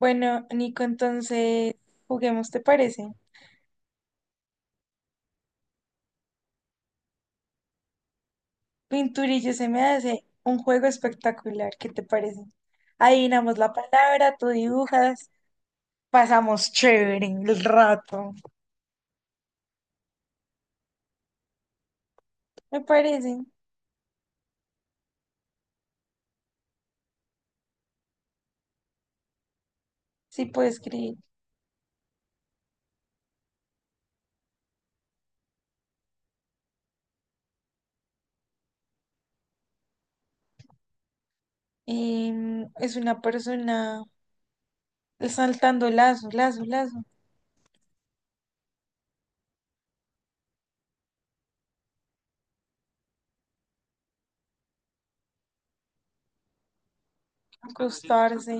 Bueno, Nico, entonces juguemos, ¿te parece? Pinturillo se me hace un juego espectacular, ¿qué te parece? Adivinamos la palabra, tú dibujas, pasamos chévere el rato. Me parece, sí puedo escribir. Es una persona saltando lazo, lazo, lazo, acostarse,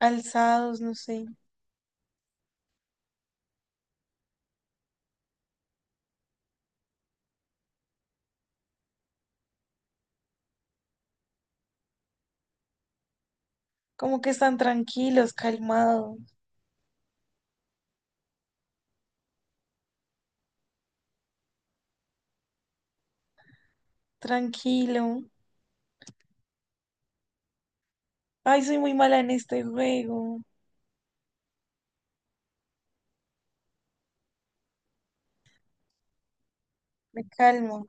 alzados, no sé, como que están tranquilos, calmados, tranquilo. Ay, soy muy mala en este juego, me calmo.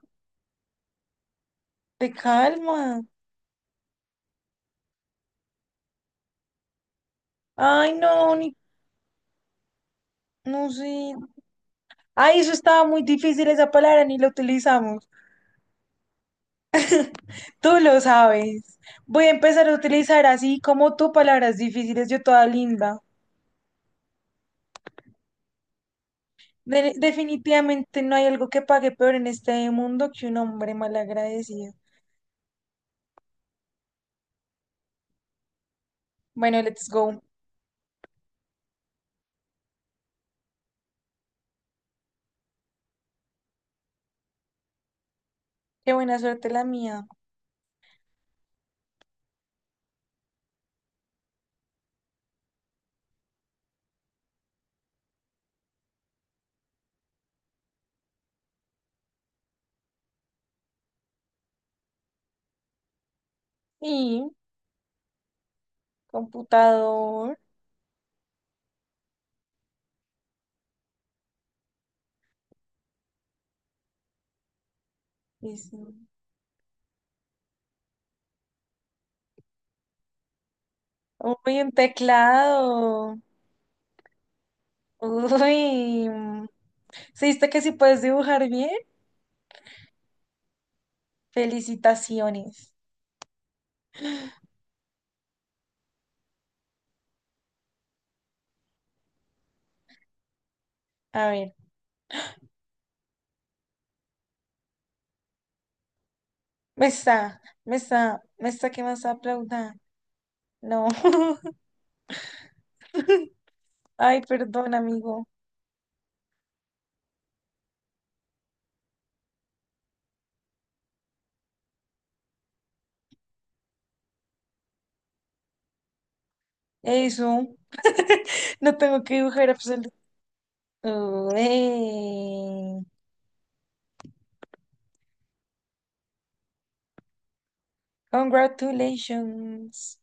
Te calma. Ay, no, ni, no sé. Ay, eso estaba muy difícil esa palabra, ni la utilizamos. Tú lo sabes. Voy a empezar a utilizar así como tú palabras difíciles, yo toda linda. Definitivamente no hay algo que pague peor en este mundo que un hombre malagradecido. Bueno, let's go. Qué buena suerte la mía. Y computador. Y sí. Uy, un teclado. Uy. ¿Se diste que sí puedes dibujar bien? Felicitaciones. A ver, me está que más aplauda. No. Ay, perdón, amigo. Eso, no tengo que dibujar absolutamente. Congratulations.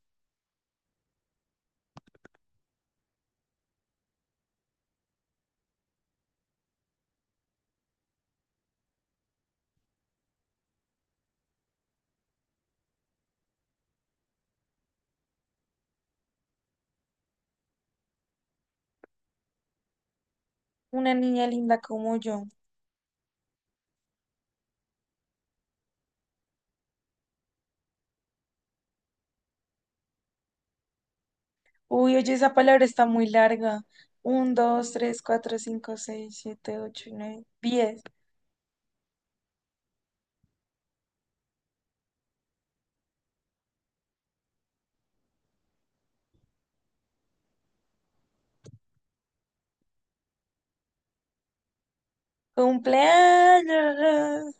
Una niña linda como yo. Uy, oye, esa palabra está muy larga. Un, dos, tres, cuatro, cinco, seis, siete, ocho, nueve, diez. ¡Cumpleaños!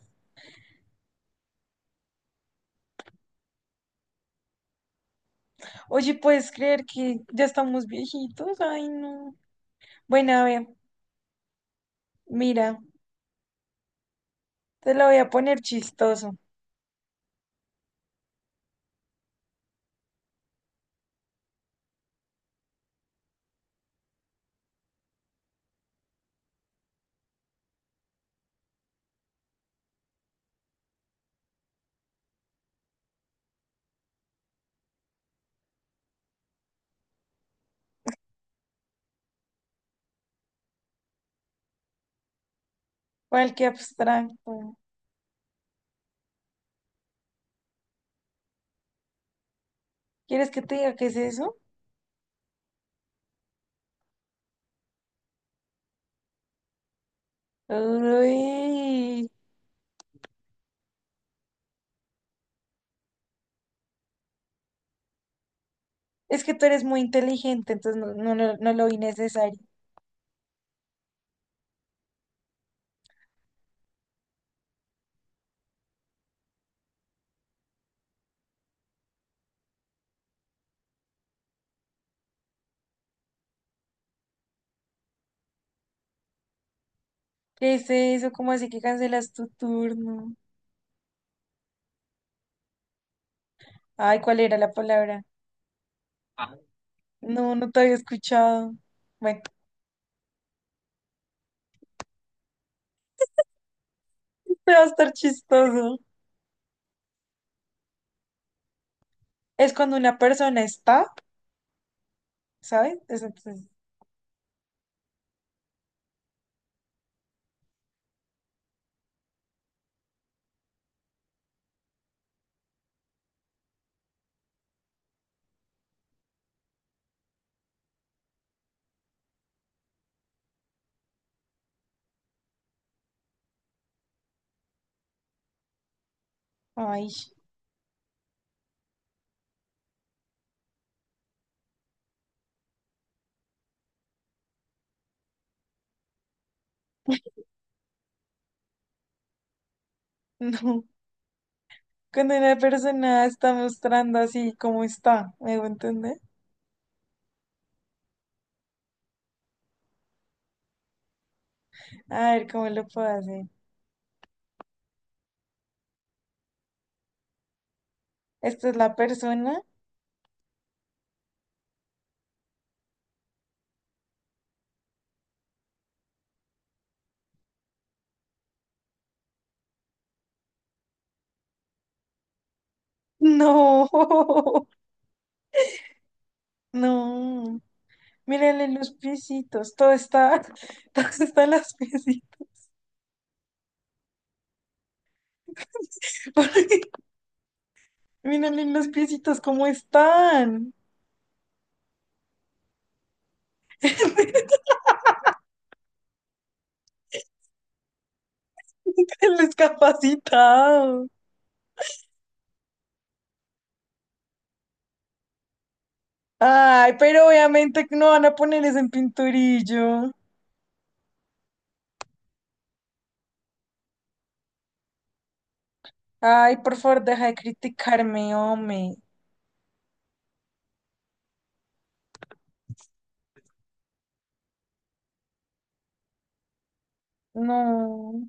Oye, ¿puedes creer que ya estamos viejitos? Ay, no. Bueno, a ver, mira, te lo voy a poner chistoso. ¿Cuál que abstracto? ¿Quieres que te diga qué es eso? Uy, es que tú eres muy inteligente, entonces no, no, no, no lo vi necesario. ¿Qué es eso? ¿Cómo así que cancelas tu turno? Ay, ¿cuál era la palabra? No, no te había escuchado. Bueno, te va a estar chistoso. Es cuando una persona está, ¿sabes? Es entonces, ay, no. Cuando una persona está mostrando así como está, ¿me voy a entender? A ver cómo lo puedo hacer. ¿Esta es la persona? No, no. Mírale los piecitos. Todo está, todo está en las piecitas. Porque mírale los piecitos cómo están. El discapacitado. Ay, pero obviamente que no van a ponerles en pinturillo. Ay, por favor, deja de criticarme, hombre. No.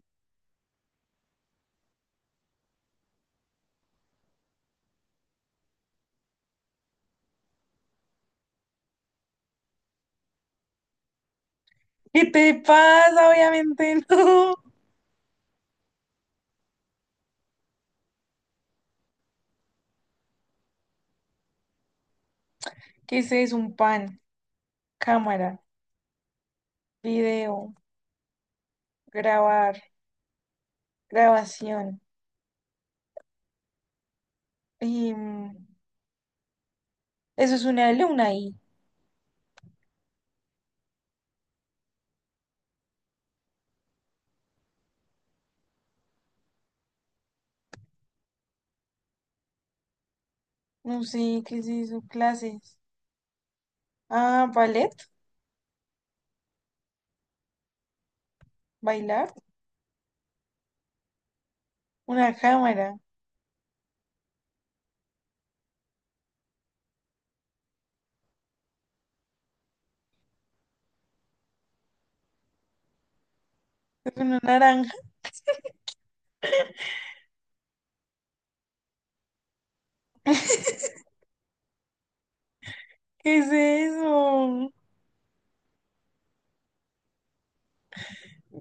¿Qué te pasa? Obviamente no. ¿Qué es eso? Un pan. Cámara, video, grabar, grabación. Y, mm, eso es una alumna ahí. No sé qué es eso, clases. Ah, ballet, bailar, una cámara, una naranja. ¿Qué es eso?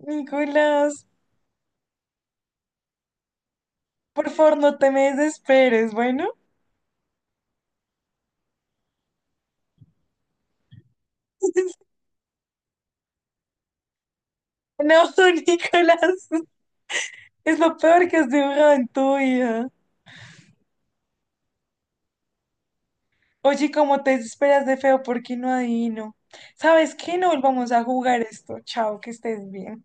Nicolás, por favor, no te me desesperes, bueno. No, Nicolás, es lo peor que has dibujado en tu vida. Oye, ¿cómo te desesperas de feo? ¿Por qué no adivino? ¿Sabes qué? No volvamos a jugar esto. Chao, que estés bien.